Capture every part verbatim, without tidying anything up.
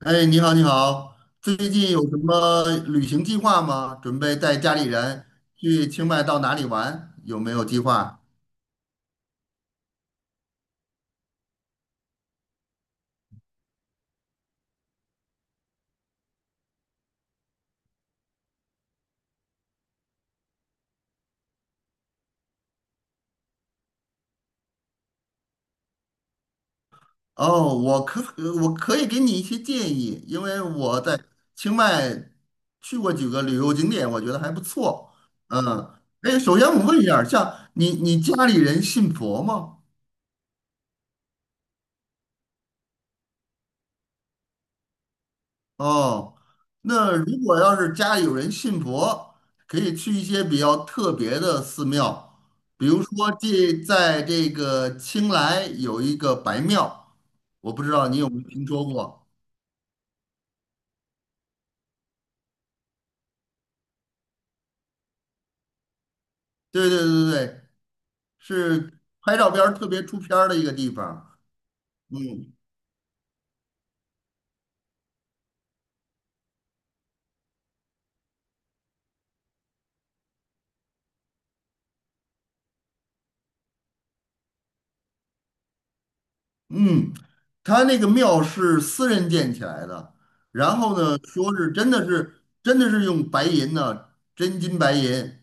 哎，你好，你好，最近有什么旅行计划吗？准备带家里人去清迈到哪里玩？有没有计划？哦，我可呃我可以给你一些建议，因为我在清迈去过几个旅游景点，我觉得还不错。嗯，哎，首先我问一下儿像你你家里人信佛吗？哦，那如果要是家里有人信佛，可以去一些比较特别的寺庙，比如说这在这个清莱有一个白庙，我不知道你有没有听说过？对对对对，是拍照片儿特别出片儿的一个地方。嗯，嗯，他那个庙是私人建起来的，然后呢，说是真的是真的是用白银呢、真金白银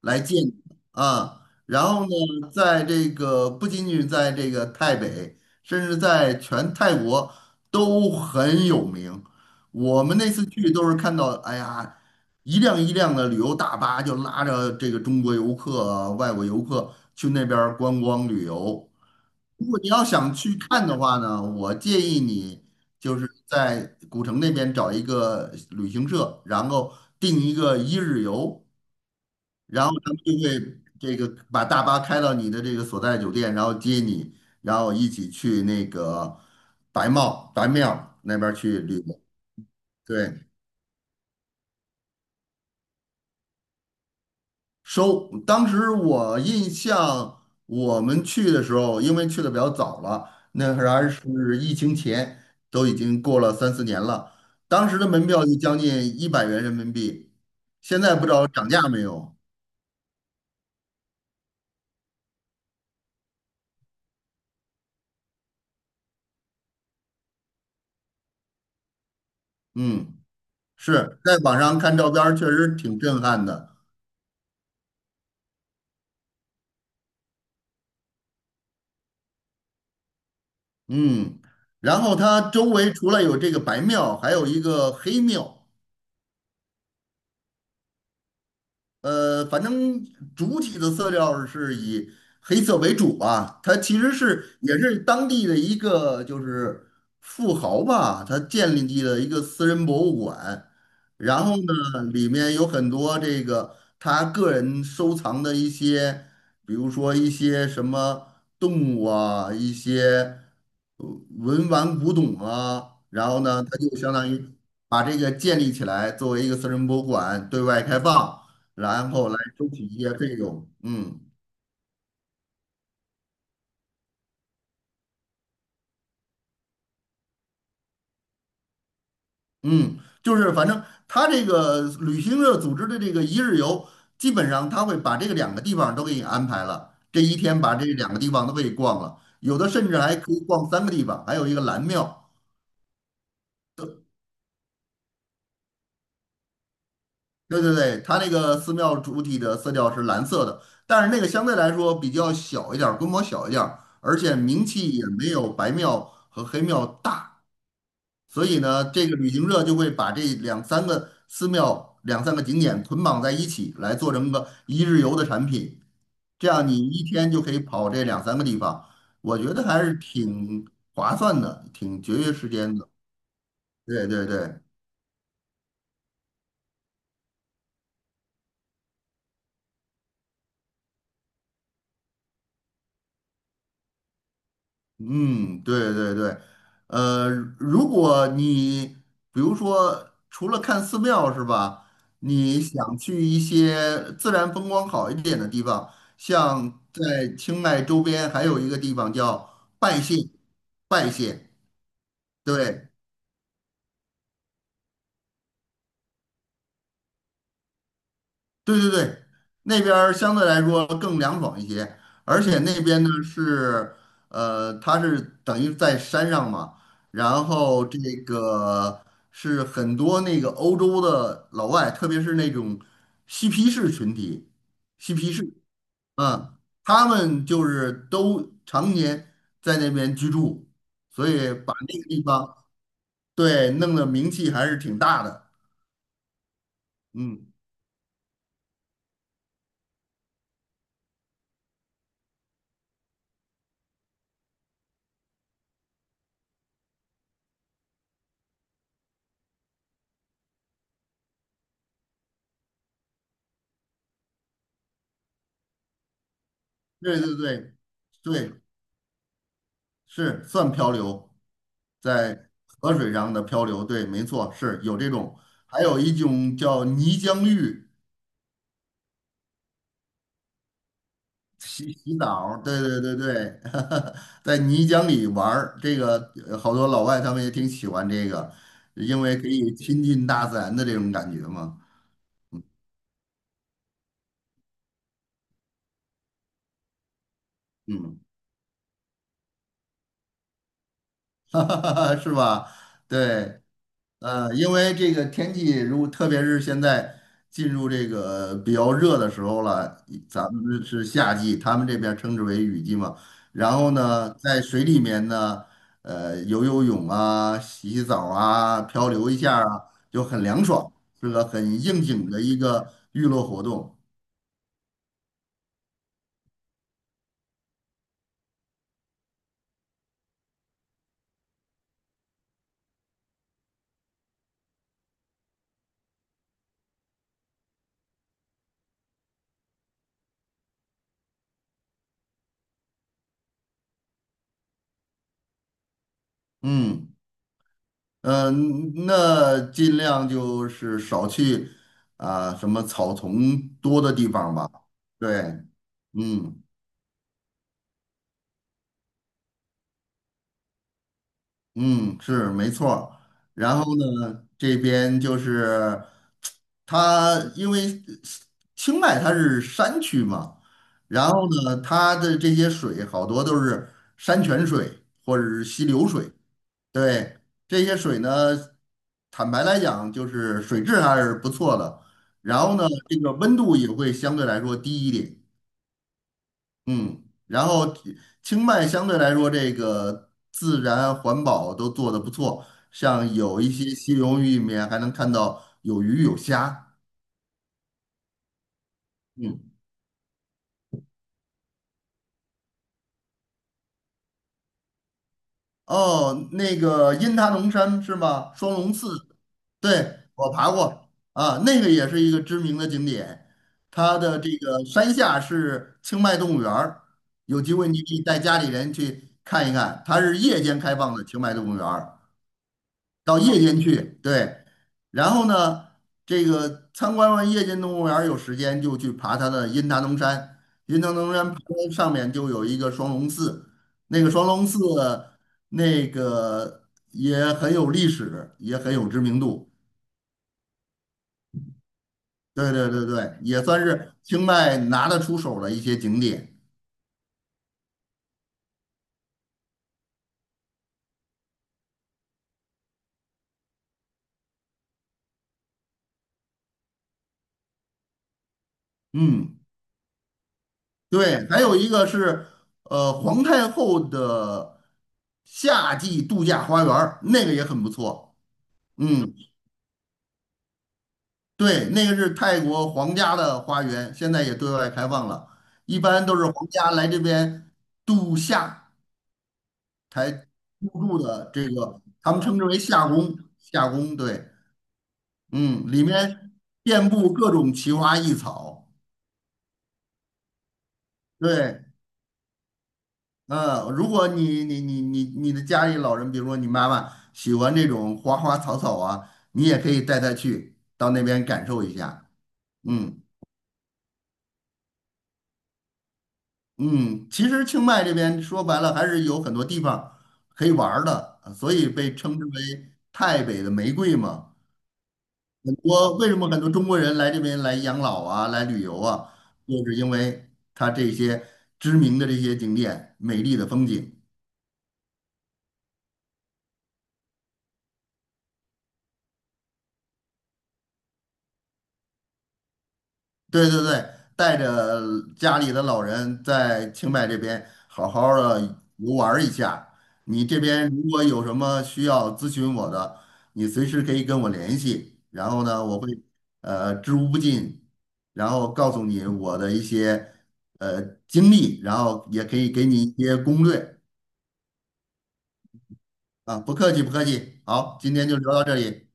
来建的啊，然后呢，在这个不仅仅在这个泰北，甚至在全泰国都很有名。我们那次去都是看到，哎呀，一辆一辆的旅游大巴就拉着这个中国游客啊、外国游客去那边儿观光旅游。如果你要想去看的话呢，我建议你就是在古城那边找一个旅行社，然后定一个一日游，然后他们就会这个把大巴开到你的这个所在酒店，然后接你，然后一起去那个白帽白庙那边儿去旅游。对，收，当时我印象，我们去的时候，因为去的比较早了，那会儿还是疫情前，都已经过了三四年了。当时的门票就将近一百元人民币，现在不知道涨价没有。嗯，是在网上看照片儿确实挺震撼的。嗯，然后它周围除了有这个白庙，还有一个黑庙。呃，反正主体的色调是以黑色为主吧。它其实是也是当地的一个就是富豪吧，他建立了一个私人博物馆，然后呢，里面有很多这个他个人收藏的一些，比如说一些什么动物啊，一些呃文玩古董啊，然后呢，他就相当于把这个建立起来，作为一个私人博物馆对外开放。然后来收取一些费用。嗯嗯，就是反正他这个旅行社组织的这个一日游，基本上他会把这个两个地方都给你安排了，这一天把这两个地方都给你逛了，有的甚至还可以逛三个地方，还有一个蓝庙。对对对，它那个寺庙主体的色调是蓝色的，但是那个相对来说比较小一点儿规模小一点儿而且名气也没有白庙和黑庙大。所以呢，这个旅行社就会把这两三个寺庙、两三个景点捆绑在一起，来做成个一日游的产品。这样你一天就可以跑这两三个地方，我觉得还是挺划算的，挺节约时间的。对对对，嗯，对对对，呃，如果你比如说除了看寺庙是吧，你想去一些自然风光好一点的地方，像在清迈周边还有一个地方叫拜县，拜县，对，对对对，那边儿相对来说更凉爽一些，而且那边呢是，呃，它是等于在山上嘛，然后这个是很多那个欧洲的老外，特别是那种嬉皮士群体，嬉皮士，嗯，他们就是都常年在那边居住，所以把那个地方对弄得名气还是挺大的，嗯，对对对。对，是算漂流，在河水上的漂流，对，没错，是有这种，还有一种叫泥浆浴，洗洗澡儿，对对对对，在泥浆里玩儿，这个呃好多老外他们也挺喜欢这个，因为可以亲近大自然的这种感觉嘛，嗯，是吧？对。呃，因为这个天气，如果特别是现在进入这个比较热的时候了，咱们是夏季，他们这边称之为雨季嘛。然后呢，在水里面呢，呃，游游泳啊、洗洗澡啊、漂流一下啊，就很凉爽，是个很应景的一个娱乐活动。嗯嗯，呃那尽量就是少去啊、什么草丛多的地方吧。对，嗯。嗯，是没错儿然后呢，这边就是它，因为清迈它是山区嘛，然后呢，它的这些水好多都是山泉水或者是溪流水。对，这些水呢，坦白来讲，就是水质还是不错的。然后呢，这个温度也会相对来说低一点。嗯，然后清迈相对来说，这个自然环保都做得不错，像有一些溪流域里面还能看到有鱼有虾。嗯，哦，那个阴他农山是吗？双龙寺，对，我爬过啊，那个也是一个知名的景点。它的这个山下是清迈动物园儿，有机会你可以带家里人去看一看，它是夜间开放的清迈动物园儿。到夜间去，对。然后呢，这个参观完夜间动物园儿，有时间就去爬它的阴达能山。阴达能山爬到上面就有一个双龙寺，那个双龙寺那个也很有历史，也很有知名度。对对对对，也算是清迈拿得出手的一些景点。嗯，对，还有一个是呃皇太后的夏季度假花园儿，那个也很不错。嗯。对，那个是泰国皇家的花园，现在也对外开放了。一般都是皇家来这边度夏才入住的，这个他们称之为夏宫。夏宫，对，嗯，里面遍布各种奇花异草。对，嗯，如果你你你你你的家里老人，比如说你妈妈喜欢这种花花草草啊，你也可以带她去到那边感受一下。嗯。嗯，其实清迈这边说白了还是有很多地方可以玩儿的，呃所以被称之为泰北的玫瑰嘛。很多为什么很多中国人来这边来养老啊，来旅游啊，就是因为它这些知名的这些景点、美丽的风景。对对对，带着家里的老人在清迈这边好好的游玩儿一下。你这边如果有什么需要咨询我的，你随时可以跟我联系。然后呢，我会呃知无不尽，然后告诉你我的一些呃经历，然后也可以给你一些攻略啊。不客气，不客气。好，今天就聊到这里，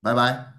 拜拜。